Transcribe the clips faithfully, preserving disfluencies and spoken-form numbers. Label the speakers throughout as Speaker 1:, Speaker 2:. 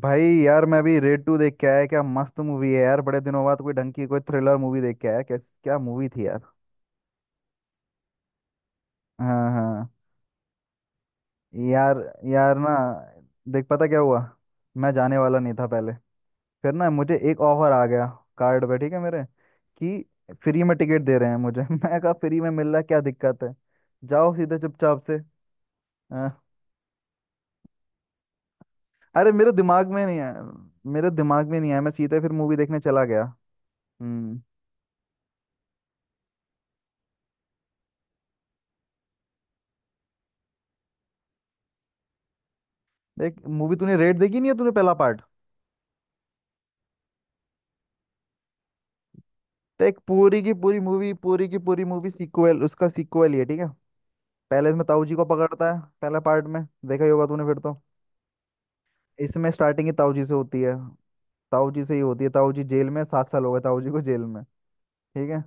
Speaker 1: भाई यार मैं भी रेड टू देख के आया। क्या मस्त मूवी है यार। बड़े दिनों बाद कोई ढंग की कोई थ्रिलर मूवी देख के आया। क्या क्या मूवी थी यार। हाँ, हाँ। यार, यार ना, देख, पता क्या हुआ। मैं जाने वाला नहीं था पहले। फिर ना मुझे एक ऑफर आ गया, कार्ड पे, ठीक है मेरे, कि फ्री में टिकट दे रहे हैं मुझे। मैं कहा फ्री में मिल रहा है, क्या दिक्कत है, जाओ सीधे चुपचाप से। हाँ। अरे मेरे दिमाग में नहीं आया। मेरे दिमाग में नहीं आया, मैं सीधे फिर मूवी देखने चला गया। हम्म। देख, मूवी तूने रेड देखी नहीं है तूने, पहला पार्ट? तो एक पूरी की पूरी मूवी पूरी की पूरी मूवी सीक्वल, उसका सीक्वल ही है, ठीक है। पहले इसमें ताऊ जी को पकड़ता है, पहला पार्ट में देखा ही होगा तूने, फिर तो इसमें स्टार्टिंग ही ताऊ जी से होती है। ताऊ जी से ही होती है। ताऊ जी जेल में, सात साल हो गए ताऊ जी को जेल में, ठीक है।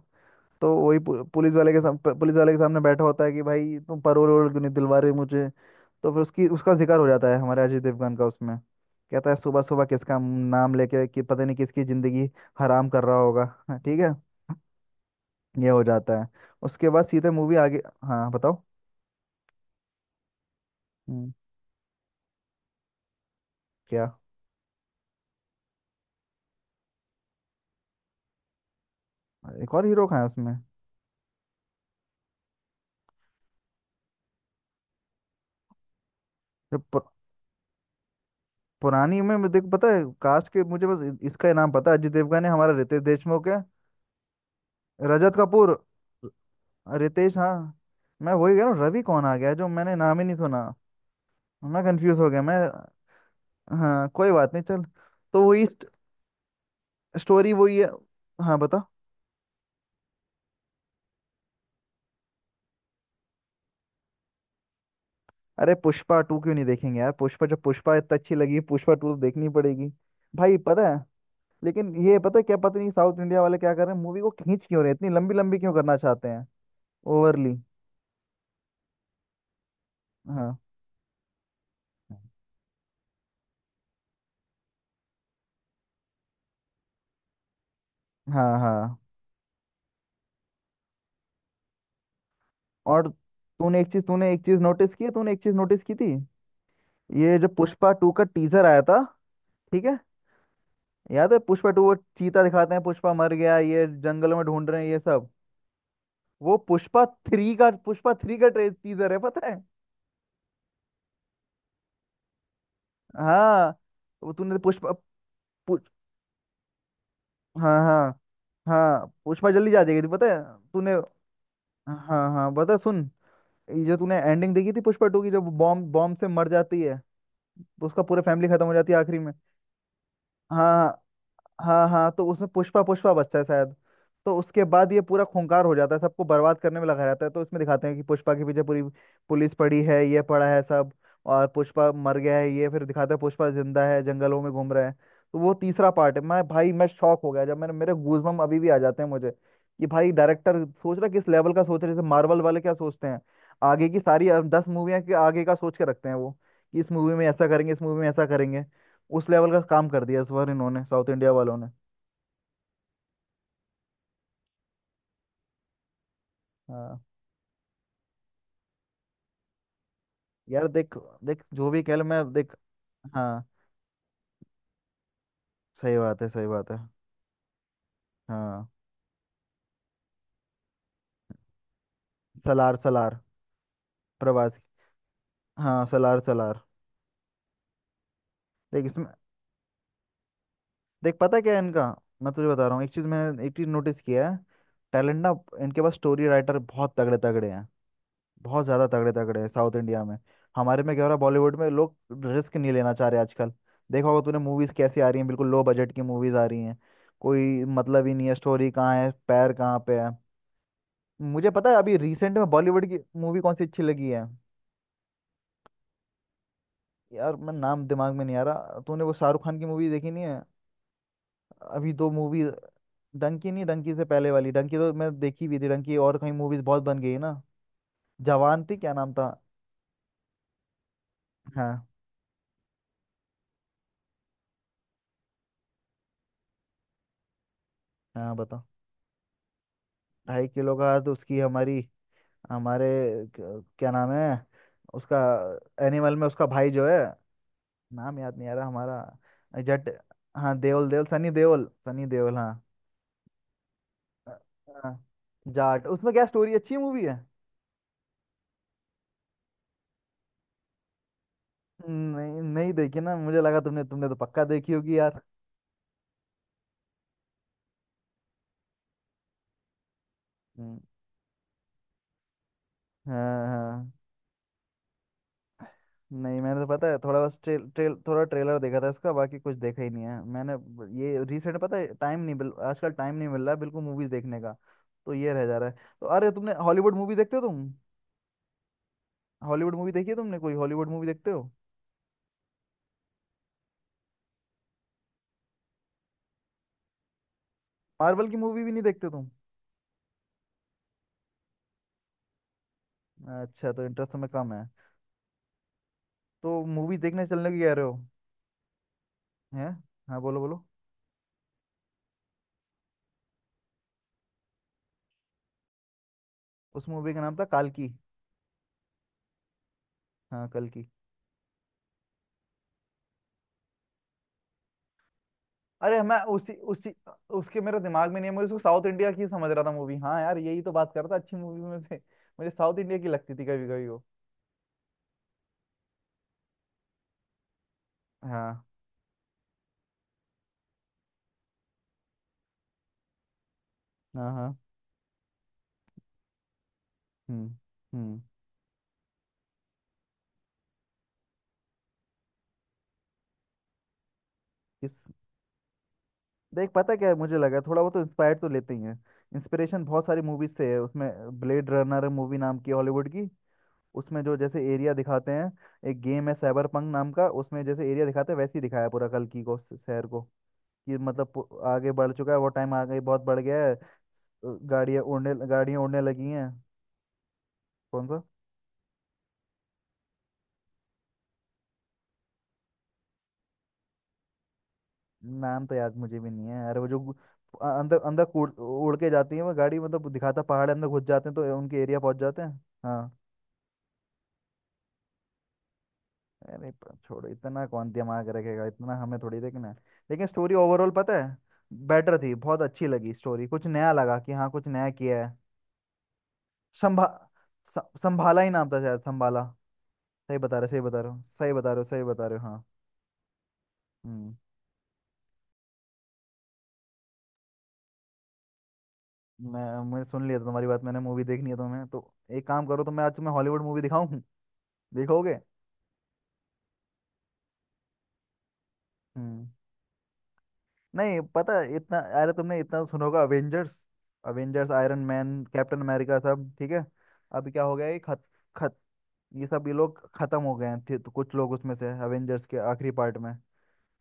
Speaker 1: तो वही पु- पुलिस वाले के साम, पुलिस वाले के सामने बैठा होता है कि भाई तुम परोल वरोल क्यों नहीं दिलवा रहे मुझे। तो फिर उसकी उसका जिक्र हो जाता है हमारे अजय देवगन का उसमें। कहता है सुबह सुबह किसका नाम लेके, कि पता नहीं किसकी जिंदगी हराम कर रहा होगा। ठीक है, ये हो जाता है। उसके बाद सीधे मूवी आगे। हाँ बताओ। हम्म, क्या, एक और हीरो का है उसमें? जो पु, पुरानी में मुझे, देख पता है कास्ट के, मुझे बस इ- इसका ही नाम पता है, अजय देवगन है, हमारा रितेश देशमुख है, रजत कपूर। र- रितेश, हाँ। मैं वही कह रहा हूँ, रवि कौन आ गया जो मैंने नाम ही नहीं सुना। मैं कंफ्यूज हो गया मैं। हाँ कोई बात नहीं, चल। तो वही स्टोरी वही है। हाँ बता। अरे पुष्पा टू क्यों नहीं देखेंगे यार, पुष्पा जब पुष्पा इतना अच्छी लगी, पुष्पा टू तो देखनी पड़ेगी। भाई पता है, लेकिन ये पता है, क्या पता नहीं साउथ इंडिया वाले क्या कर रहे हैं, मूवी को खींच क्यों रहे हैं, इतनी लंबी लंबी क्यों करना चाहते हैं ओवरली। हाँ, हाँ, हाँ। और तूने एक चीज तूने एक चीज नोटिस की है तूने एक चीज नोटिस की थी, ये जो पुष्पा टू का टीजर आया था, ठीक है। याद है पुष्पा टू, वो चीता दिखाते हैं, पुष्पा मर गया, ये जंगलों में ढूंढ रहे हैं, ये सब। वो पुष्पा थ्री का पुष्पा थ्री का ट्रे टीजर है, पता है। हाँ, वो तूने पुष्पा पुष, हाँ हाँ हाँ। पुष्पा जल्दी जा जाएगी थी, पता है तूने? हाँ हाँ बता सुन, ये जो तूने एंडिंग देखी थी पुष्पा टू की, जो बॉम्ब बॉम्ब से मर जाती है, तो उसका पूरा फैमिली खत्म हो जाती है आखिरी में। हाँ हाँ। हाँ, तो उसमें पुष्पा पुष्पा बचता है शायद। तो उसके बाद ये पूरा खूंखार हो जाता है, सबको बर्बाद करने में लगा रहता है। तो इसमें दिखाते हैं कि पुष्पा के पीछे पूरी पुलिस पड़ी है, ये पड़ा है, सब। और पुष्पा मर गया है, ये फिर दिखाते हैं पुष्पा जिंदा है, जंगलों में घूम रहा है। तो वो तीसरा पार्ट है। मैं, भाई, मैं शॉक हो गया जब मैंने, मेरे गूजबम्प अभी भी आ जाते हैं मुझे, कि भाई डायरेक्टर सोच रहा किस लेवल का, सोच रहे जैसे मार्वल वाले क्या सोचते हैं, आगे की सारी अ, दस मूवियां के आगे का सोच के रखते हैं वो, कि इस मूवी में ऐसा करेंगे, इस मूवी में ऐसा करेंगे। उस लेवल का काम कर दिया इस बार इन्होंने, साउथ इंडिया वालों ने। हाँ यार देख, देख जो भी कह ले, मैं देख। हाँ सही बात है, सही बात है। हाँ सलार, सलार। प्रवासी। हाँ सलार सलार। देख इसमें, देख पता है क्या है इनका, मैं तुझे बता रहा हूँ, एक चीज़ मैंने एक चीज़ नोटिस किया है। टैलेंट ना, इनके पास स्टोरी राइटर बहुत तगड़े तगड़े हैं, बहुत ज़्यादा तगड़े तगड़े हैं साउथ इंडिया में। हमारे में क्या हो रहा है, बॉलीवुड में लोग रिस्क नहीं लेना चाह रहे आजकल। देखा होगा तूने मूवीज़ कैसी आ रही हैं, बिल्कुल लो बजट की मूवीज़ आ रही हैं, कोई मतलब ही नहीं है, स्टोरी कहाँ है, पैर कहाँ पे है। मुझे पता है अभी रिसेंट में बॉलीवुड की मूवी कौन सी अच्छी लगी है। यार मैं नाम दिमाग में नहीं आ रहा, तूने वो शाहरुख खान की मूवी देखी नहीं है? अभी दो मूवी। डंकी नहीं, डंकी से पहले वाली। डंकी तो मैं देखी भी थी, डंकी और कहीं मूवीज बहुत बन गई है ना। जवान थी, क्या नाम था? हाँ हाँ बता। ढाई किलो का, तो उसकी हमारी, हमारे, क- क्या नाम है उसका? एनिमल में उसका भाई जो है, नाम याद नहीं आ रहा, हमारा जट। हाँ, देओल देओल, सनी देओल, सनी देओल, हाँ। अ- अ, जाट उसमें क्या स्टोरी? अच्छी मूवी है? नहीं, नहीं देखी ना, मुझे लगा तुमने तुमने तो पक्का देखी होगी यार। हम्म, हाँ हाँ। नहीं मैंने तो पता है थोड़ा बस ट्रेल, ट्रेल थोड़ा ट्रेलर देखा था इसका, बाकी कुछ देखा ही नहीं है मैंने। ब- ये रिसेंट, पता है टाइम नहीं मिल आजकल टाइम नहीं मिल रहा है बिल्कुल मूवीज देखने का, तो ये रह जा रहा है। तो अरे तुमने हॉलीवुड मूवी देखते हो तुम, हॉलीवुड मूवी देखी है तुमने, कोई हॉलीवुड मूवी देखते हो? मार्वल की मूवी भी नहीं देखते तुम? अच्छा तो इंटरेस्ट में कम है? तो मूवी देखने चलने की कह रहे हो? हैं? हाँ बोलो बोलो। उस मूवी का नाम था काल्की। हाँ कल्कि। अरे मैं उसी उसी, उसके मेरे दिमाग में नहीं है, मैं उसको साउथ इंडिया की समझ रहा था मूवी। हाँ यार यही तो बात कर रहा था अच्छी मूवी में से, मुझे साउथ इंडिया की लगती थी कभी कभी वो। हाँ हाँ हाँ। हम्म हम्म। इस, देख पता क्या है, मुझे लगा थोड़ा बहुत तो इंस्पायर तो लेते ही हैं, इंस्पिरेशन बहुत सारी मूवीज से है उसमें। ब्लेड रनर मूवी नाम की, हॉलीवुड की। उसमें जो जैसे एरिया दिखाते हैं, एक गेम है साइबर पंक नाम का, उसमें जैसे एरिया दिखाते हैं, वैसे ही दिखाया है पूरा कल्कि को, श- शहर को। कि मतलब पु- आगे बढ़ चुका है वो, टाइम आगे बहुत बढ़ गया है, गाड़ियाँ उड़ने गाड़ियाँ उड़ने लगी हैं। कौन सा? नाम तो याद मुझे भी नहीं है। अरे वो जो गु- अ- अंदर अंदर उड़ उड़ के जाती है वो गाड़ी, मतलब दिखाता पहाड़ अंदर घुस जाते हैं तो उनके एरिया पहुंच जाते हैं। हाँ। अरे प- छोड़ो, इतना कौन दिमाग रखेगा इतना, हमें थोड़ी देखना है। लेकिन स्टोरी ओवरऑल पता है बेटर थी, बहुत अच्छी लगी स्टोरी, कुछ नया लगा, कि हाँ कुछ नया किया है। संभा स- संभाला ही नाम था शायद, संभाला। सही बता रहे सही बता रहे हो, सही बता रहे हो, सही बता रहे हो, हाँ। हम्म। मैं मैं सुन लिया था तुम्हारी बात, मैंने मूवी देखनी है तुम्हें तो। एक काम करो, तो मैं आज तुम्हें हॉलीवुड मूवी दिखाऊं, देखोगे? हम्म। नहीं पता है, इतना, अरे तुमने इतना तो सुना होगा, Avengers. Avengers, Iron Man, Captain America, सब ठीक है। अभी क्या हो गया, ये खत खत ये सब ये लोग खत्म हो गए हैं, थे- तो कुछ लोग उसमें से, अवेंजर्स के आखिरी पार्ट में।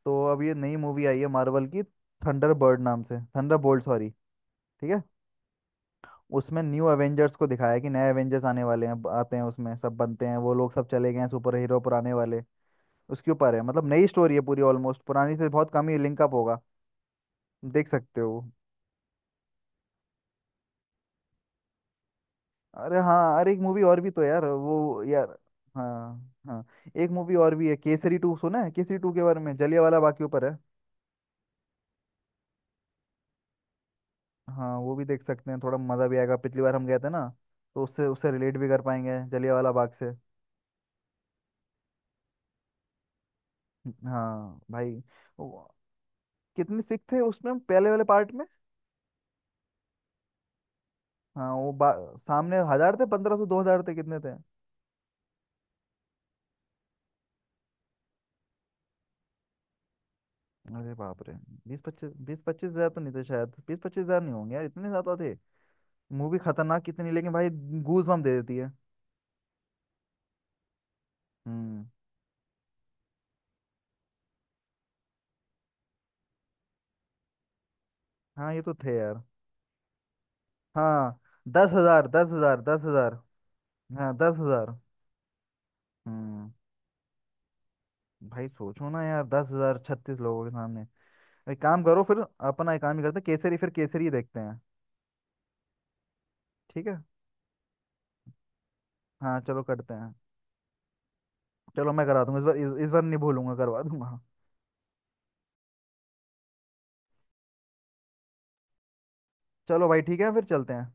Speaker 1: तो अब ये नई मूवी आई है मार्वल की, थंडर बर्ड नाम से, थंडर बोल्ट सॉरी, ठीक है। उसमें न्यू एवेंजर्स को दिखाया है, कि नए एवेंजर्स आने वाले हैं, ब- आते हैं उसमें, सब बनते हैं वो लोग, सब चले गए हैं सुपर हीरो पुराने वाले, उसके ऊपर है। मतलब नई स्टोरी है पूरी, ऑलमोस्ट पुरानी से बहुत कम ही लिंकअप होगा, देख सकते हो। अरे हाँ, अरे एक मूवी और भी तो यार वो, यार हाँ हाँ, एक मूवी और भी है केसरी टू, सुना है केसरी टू के बारे में? जलियांवाला बाग के ऊपर है। हाँ वो भी देख सकते हैं, थोड़ा मज़ा भी आएगा, पिछली बार हम गए थे ना, तो उससे उससे रिलेट भी कर पाएंगे जलियांवाला बाग से। हाँ भाई। वो- कितने सिख थे उसमें पहले वाले पार्ट में? हाँ वो बा- सामने हजार थे, पंद्रह सौ, दो हजार थे, कितने थे? अरे बाप रे। बीस पच्चीस, बीस पच्चीस हजार तो नहीं थे शायद, बीस पच्चीस हजार नहीं होंगे यार, इतने ज्यादा थे। मूवी खतरनाक कितनी, लेकिन भाई, गूज बम्प दे देती है। हम्म। हाँ ये तो थे यार। हाँ दस हजार, दस हजार, दस हजार। हाँ दस हजार। हम्म। भाई सोचो ना यार, दस हजार छत्तीस लोगों के सामने। एक काम करो फिर, अपना, एक काम ही करते हैं केसरी, फिर केसरी ही देखते हैं, ठीक है। हाँ चलो करते हैं। चलो मैं करा दूंगा, इस बार इस, इस बार नहीं भूलूंगा, करवा दूंगा। चलो भाई ठीक है फिर चलते हैं।